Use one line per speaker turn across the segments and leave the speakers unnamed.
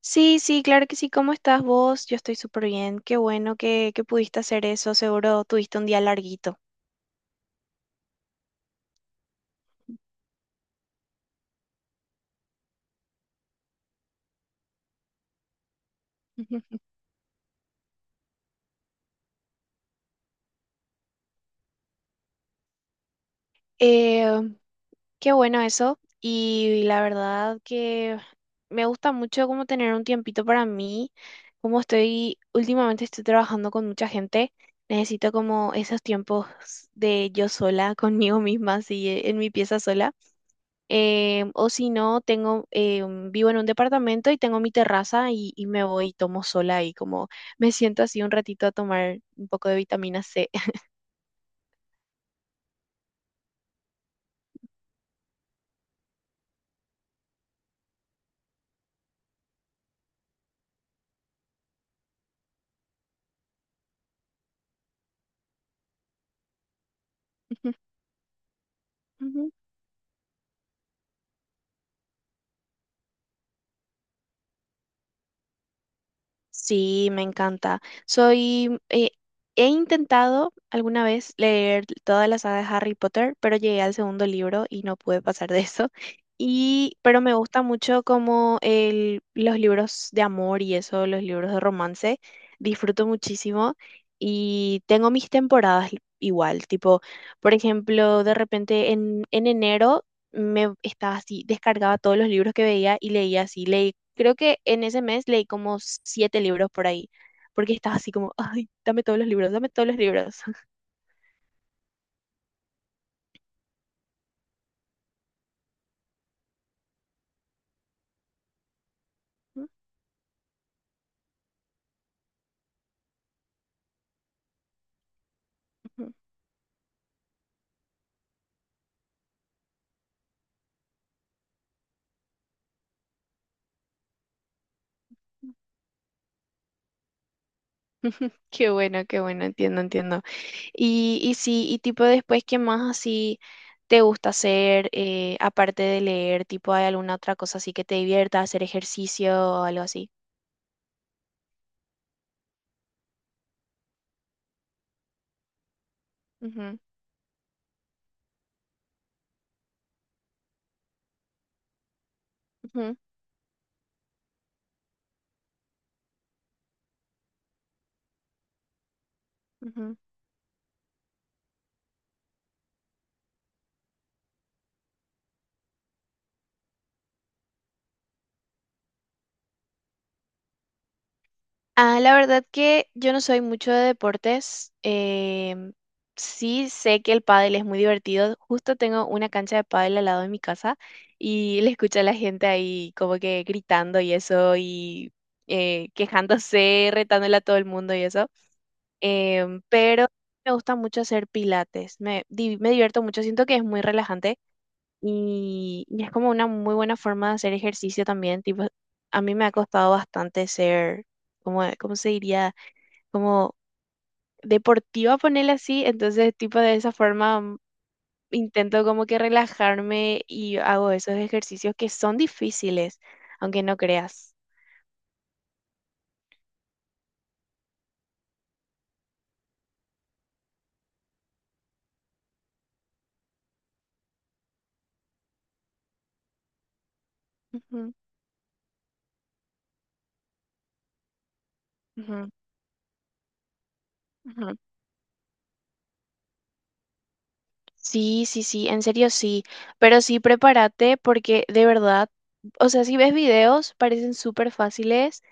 Sí, sí, claro que sí. ¿Cómo estás vos? Yo estoy súper bien. Qué bueno que pudiste hacer eso. Seguro tuviste un día larguito. Eh, Qué bueno eso. Y la verdad que me gusta mucho como tener un tiempito para mí. Como estoy, últimamente estoy trabajando con mucha gente, necesito como esos tiempos de yo sola, conmigo misma, así en mi pieza sola. O si no, tengo, vivo en un departamento y tengo mi terraza y me voy y tomo sola y como me siento así un ratito a tomar un poco de vitamina C. Ujú. Sí, me encanta. Soy, he intentado alguna vez leer toda la saga de Harry Potter, pero llegué al segundo libro y no pude pasar de eso. Y, pero me gusta mucho como los libros de amor y eso, los libros de romance. Disfruto muchísimo y tengo mis temporadas igual. Tipo, por ejemplo, de repente en enero me estaba así, descargaba todos los libros que veía y leía así. Creo que en ese mes leí como siete libros por ahí, porque estaba así como, ay, dame todos los libros, dame todos los libros. Qué bueno, entiendo, entiendo. Y sí, y tipo después, ¿qué más así te gusta hacer, aparte de leer? Tipo, ¿hay alguna otra cosa así que te divierta, hacer ejercicio o algo así? Ujú, ujú, ujú. Ah, la verdad que yo no soy mucho de deportes. Sí sé que el pádel es muy divertido. Justo tengo una cancha de pádel al lado de mi casa y le escucho a la gente ahí como que gritando y eso y quejándose, retándole a todo el mundo y eso. Pero me gusta mucho hacer pilates. Me divierto mucho. Siento que es muy relajante y es como una muy buena forma de hacer ejercicio también. Tipo, a mí me ha costado bastante ser, como, ¿cómo se diría? Como deportiva, ponerle así. Entonces, tipo, de esa forma intento como que relajarme y hago esos ejercicios que son difíciles, aunque no creas. Ujú, ujú, ujú. Sí, sí, sí, en serio sí. Pero sí, prepárate porque de verdad, o sea, si ves videos, parecen súper fáciles.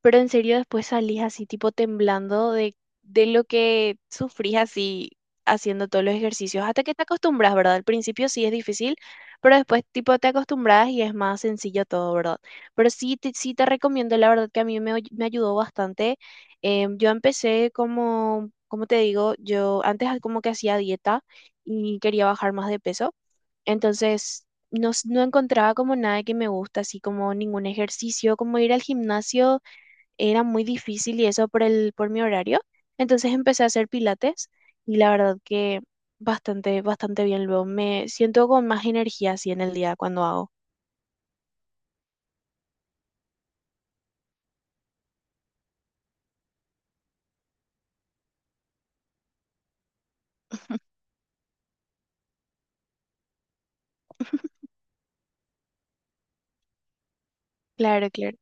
Pero en serio después salís así tipo temblando de lo que sufrís así haciendo todos los ejercicios, hasta que te acostumbras, ¿verdad? Al principio sí es difícil, pero después tipo te acostumbras y es más sencillo todo, ¿verdad? Pero sí te recomiendo, la verdad que a mí me ayudó bastante. Yo empecé como, como te digo, yo antes como que hacía dieta y quería bajar más de peso. Entonces, no encontraba como nada que me gusta, así como ningún ejercicio, como ir al gimnasio era muy difícil y eso por mi horario. Entonces empecé a hacer pilates y la verdad que bastante, bastante bien. Luego me siento con más energía así en el día cuando hago. Claro, claro.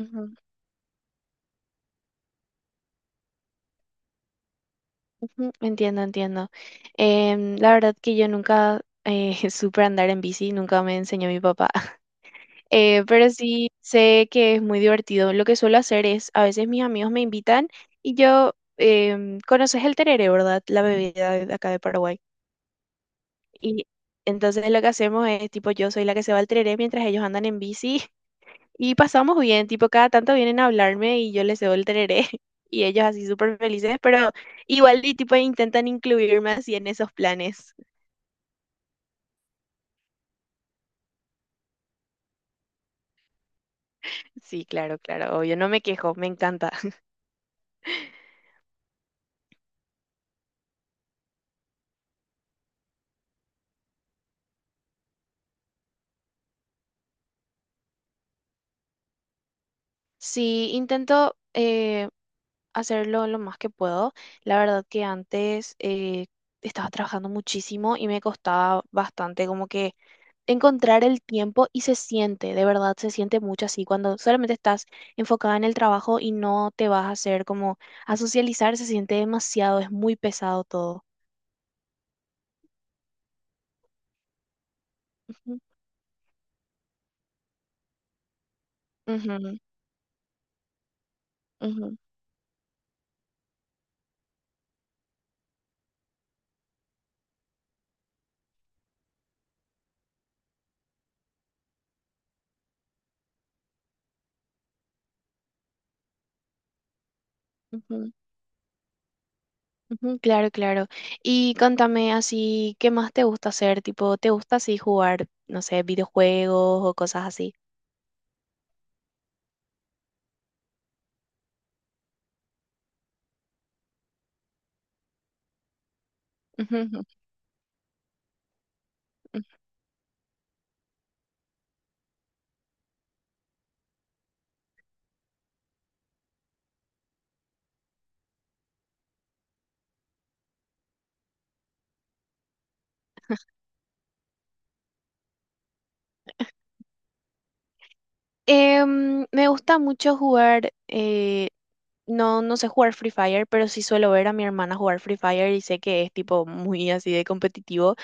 Ujú, ujú, entiendo, entiendo. La verdad que yo nunca supe andar en bici, nunca me enseñó mi papá. Pero sí sé que es muy divertido. Lo que suelo hacer es, a veces mis amigos me invitan y yo, conoces el tereré, ¿verdad? La bebida de acá de Paraguay. Y entonces lo que hacemos es, tipo, yo soy la que se va al tereré mientras ellos andan en bici y pasamos bien, tipo, cada tanto vienen a hablarme y yo les cedo el tereré y ellos así súper felices, pero igual y tipo intentan incluirme así en esos planes. Sí, claro, claro, obvio, no me quejo, me encanta. Sí, intento hacerlo lo más que puedo. La verdad que antes estaba trabajando muchísimo y me costaba bastante como que encontrar el tiempo y se siente, de verdad, se siente mucho así cuando solamente estás enfocada en el trabajo y no te vas a hacer como a socializar, se siente demasiado, es muy pesado todo. Ujú, ujú, ujú, ujú, ujú, claro, claro. Y contame así, ¿qué más te gusta hacer? Tipo, ¿te gusta así jugar, no sé, videojuegos o cosas así? Ujú, ujú, ujú. Me gusta mucho jugar no, no sé jugar Free Fire, pero sí suelo ver a mi hermana jugar Free Fire y sé que es tipo muy así de competitivo.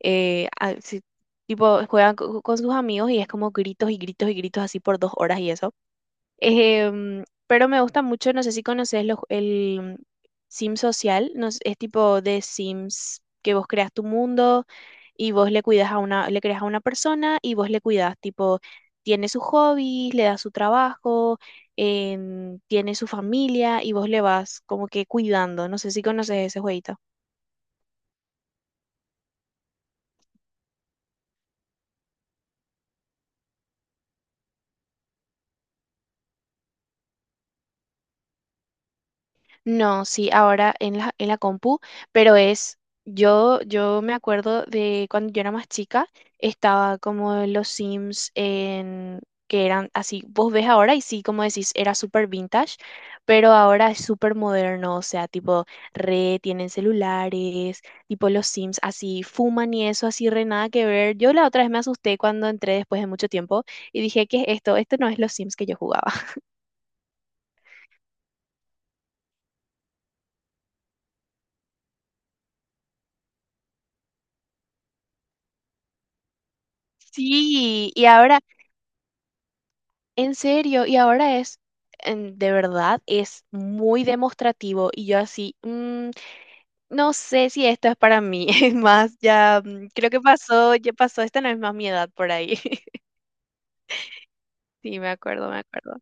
Sí, tipo con sus amigos y es como gritos y gritos y gritos así por dos horas y eso. Pero me gusta mucho, no sé si conoces el Sim Social, no sé, es tipo de Sims que vos creas tu mundo y vos le cuidas a una, le creas a una persona y vos le cuidas, tipo, tiene sus hobbies, le das su trabajo, tiene su familia y vos le vas como que cuidando. No sé si conoces ese jueguito. No, sí, ahora en la compu, pero es, yo me acuerdo de cuando yo era más chica, estaba como en los Sims que eran así, vos ves ahora y sí, como decís, era súper vintage, pero ahora es súper moderno, o sea, tipo, re, tienen celulares, tipo los Sims así, fuman y eso, así, re, nada que ver. Yo la otra vez me asusté cuando entré después de mucho tiempo y dije, ¿qué es esto? Esto no es los Sims que yo jugaba. Sí, y ahora en serio, y ahora es, de verdad, es muy demostrativo y yo así, "Mm, no sé si esto es para mí, es más, ya mm, creo que pasó, ya pasó, esta no es más mi edad por ahí. Sí, me acuerdo, me acuerdo.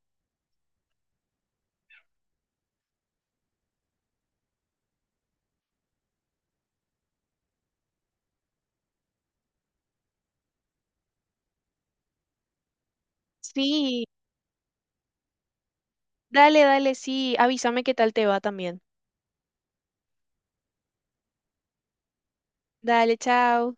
Sí, dale, dale, sí, avísame qué tal te va también. Dale, chao.